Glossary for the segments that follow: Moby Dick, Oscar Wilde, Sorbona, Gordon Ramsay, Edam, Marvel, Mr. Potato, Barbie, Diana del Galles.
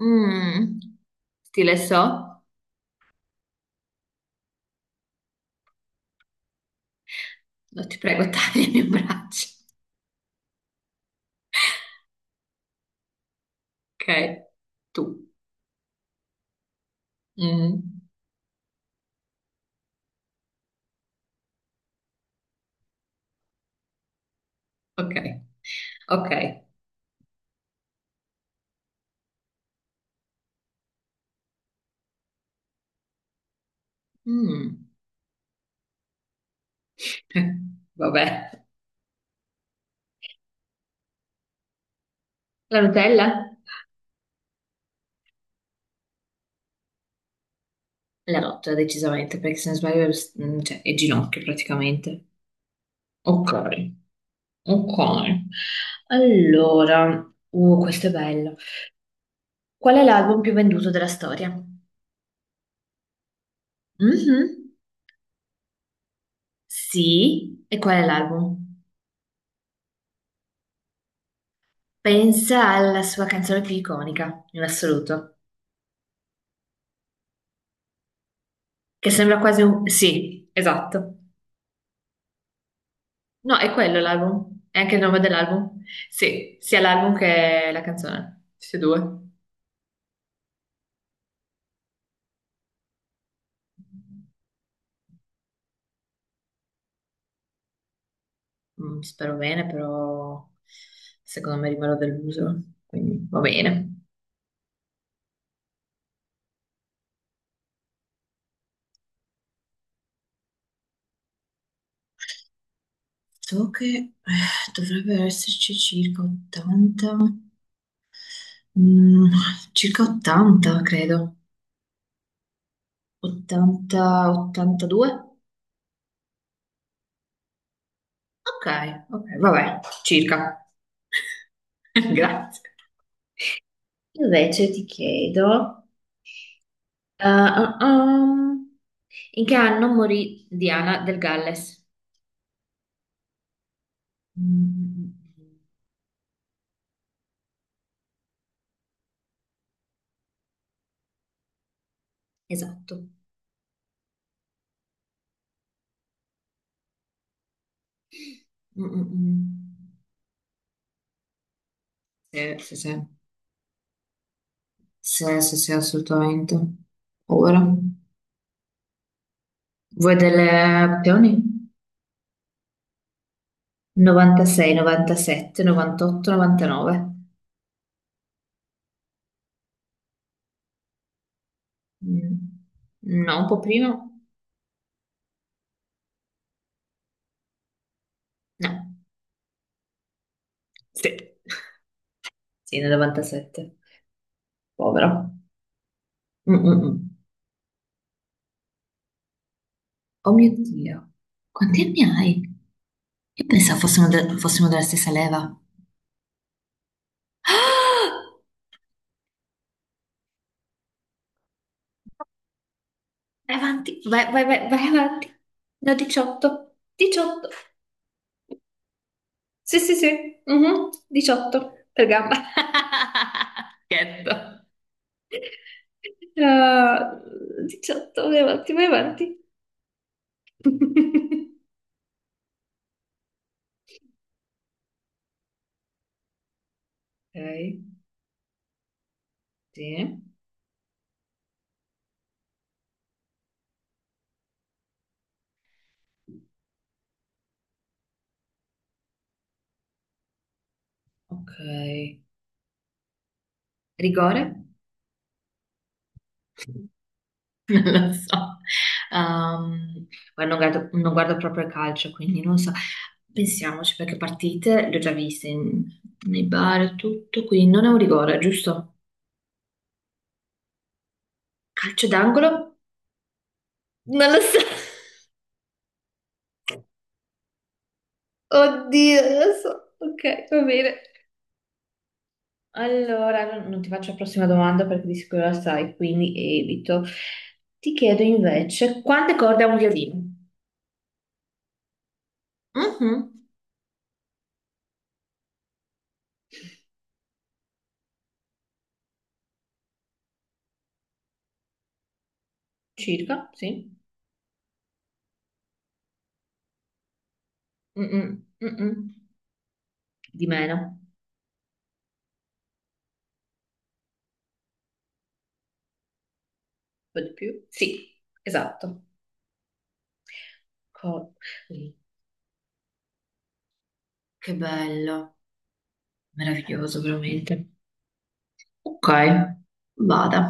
Mm, stile so? No, ti prego, tagliami un braccio. Ok, tu. Mm, ok, ok. Mm. eh, Vabbè. La Nutella? La rotta, decisamente, perché se non sbaglio, cioè, è ginocchio praticamente. Ok, ok. Allora, questo è bello. Qual è l'album più venduto della storia? Mhm. Sì, e qual è l'album? Pensa alla sua canzone più iconica, in assoluto. Che sembra quasi un... Sì, esatto. No, è quello l'album. È anche il nome dell'album. Sì, sia l'album che la canzone. Tutti e due. Mm, spero bene, però secondo me rimarrò deluso. Quindi va bene. So che dovrebbe esserci circa 80. Mm, circa 80, credo. 80, 82? Ok, ok, vabbè, circa. Grazie. Invece ti chiedo... Ah, ah, ah. In che anno morì Diana del Galles? Mm, esatto. Mm, mm, mm. Sì, sì, sì, sì, sì, sì, assolutamente. Ora, vuoi delle opzioni? 96, 97, 98, 99. Mm. No, un po' prima? No, sì, sì, nel 97. Povero. Mm, mm, mm. Oh mio Dio, quanti anni hai? Io pensavo fossimo, fossimo della stessa leva. Ah! Vai avanti, vai, vai, vai, vai avanti. Ne ho 18. 18. Sì, sì, sì. Mhm. 18 per gamba. Scherzo. Ah, 18, vai avanti, vai avanti. Ok, sì, ok. Rigore? Non lo so. Ehm, guarda, non guardo proprio il calcio, quindi non so. Pensiamoci, perché partite le ho già viste nei bar e tutto, quindi non è un rigore, giusto? Calcio d'angolo? Non lo so. Oddio, non lo so. Ok, va bene. Allora, non ti faccio la prossima domanda perché di sicuro la sai, quindi evito. Ti chiedo invece, quante corde ha un violino? Mhm, circa, sì. Mm-mm, mm-mm. Di meno. Po' di più. Sì, esatto. Co- Sì. Che bello, meraviglioso veramente. Ok, vada.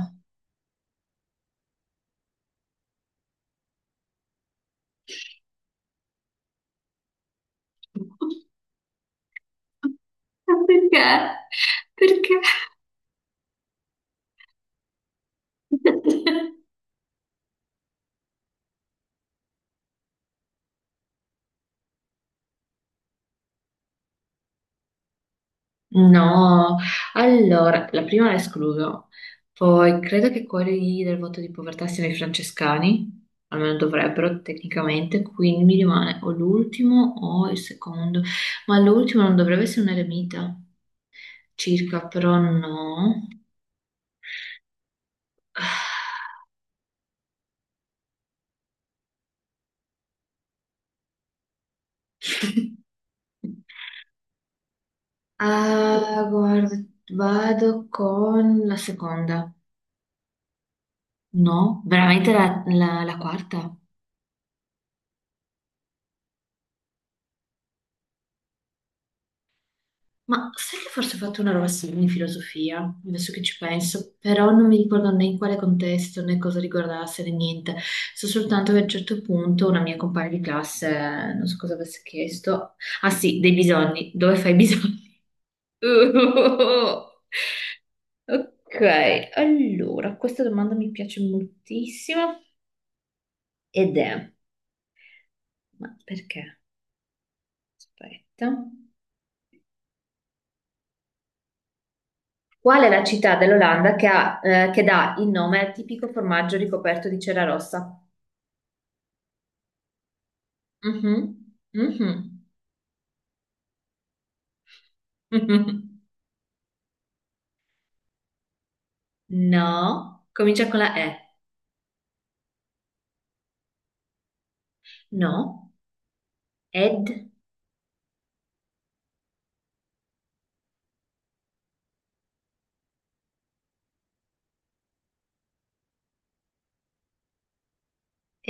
Perché? Perché? No, allora, la prima la escludo, poi credo che quelli del voto di povertà siano i francescani, almeno dovrebbero tecnicamente, quindi mi rimane o l'ultimo o il secondo, ma l'ultimo non dovrebbe essere un eremita, circa, però no. Ah, guarda, vado con la seconda, no, veramente la quarta. Ma sai che forse ho fatto una roba simile in filosofia, adesso che ci penso, però non mi ricordo né in quale contesto né cosa riguardasse né niente. So soltanto che a un certo punto una mia compagna di classe, non so cosa avesse chiesto, ah sì, dei bisogni, dove fai i bisogni? Ok, allora, questa domanda mi piace moltissimo ed è, ma perché? Aspetta. Qual è la città dell'Olanda che, ha, che dà il nome al tipico formaggio ricoperto di cera rossa? Mhm, mhm, mhm. No, comincia con la E. No, ed,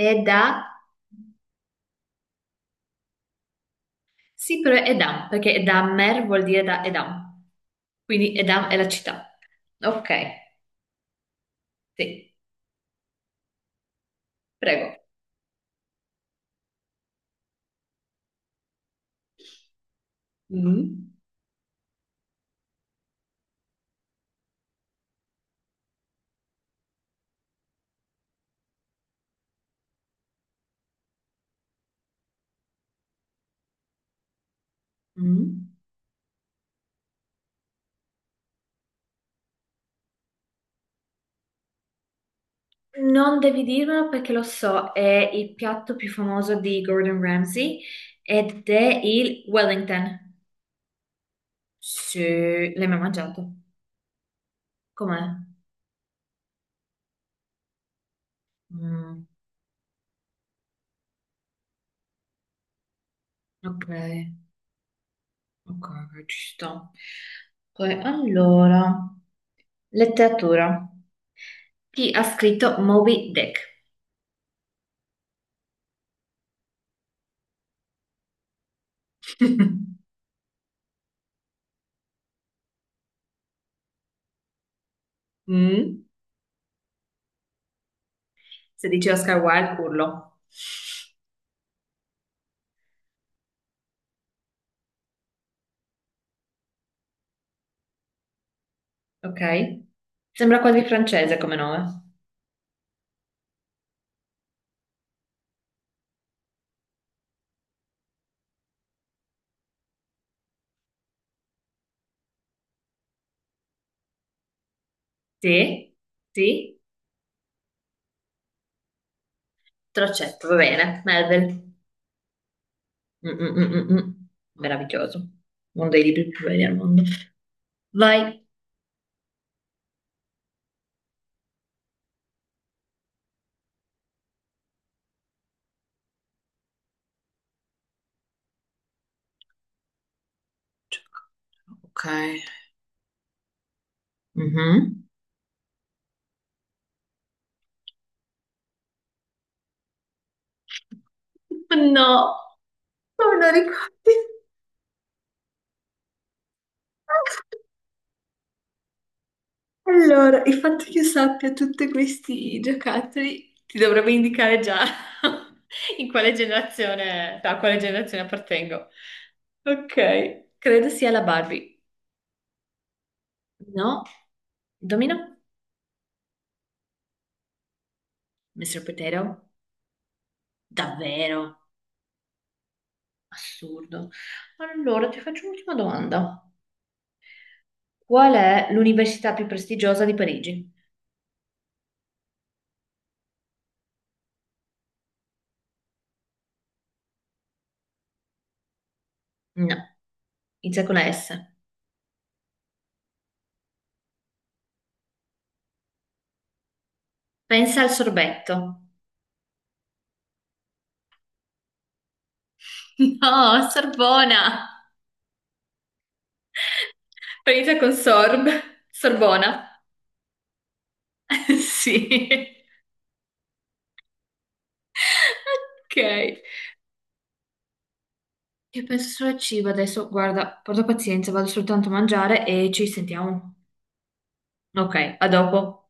eda. Sì, però è Edam, perché Edamer vuol dire da Edam. Quindi Edam è la città. Ok, sì, prego. Mm, mm. Non devi dirmelo perché lo so, è il piatto più famoso di Gordon Ramsay ed è il Wellington. Sì, l'hai mai mangiato? Com'è? Mm, ok, ok, ok, ci sto. Poi, allora, letteratura. Chi ha scritto Moby Dick? Mm, se dice Oscar Wilde, urlo. Ok. Sembra quasi francese come nome. Sì? Sì? Trocetto, va bene. Marvel. Mm, mm, mm, mm, mm. Meraviglioso. Uno dei libri più belli al mondo. Vai. Ok. Mhm. No, non me lo ricordi. Allora, il fatto che io sappia tutti questi giocattoli ti dovrebbe indicare già in quale generazione, a quale generazione appartengo. Ok, credo sia la Barbie. No, il domino? Mr. Potato? Davvero? Assurdo. Allora, ti faccio un'ultima domanda. Qual è l'università più prestigiosa di Parigi? No, inizia con la S. Pensa al sorbetto. No, Sorbona. Inizia con sorb. Sorbona. Sì. Ok. Io penso solo al cibo adesso. Guarda, porta pazienza, vado soltanto a mangiare e ci sentiamo. Ok, a dopo.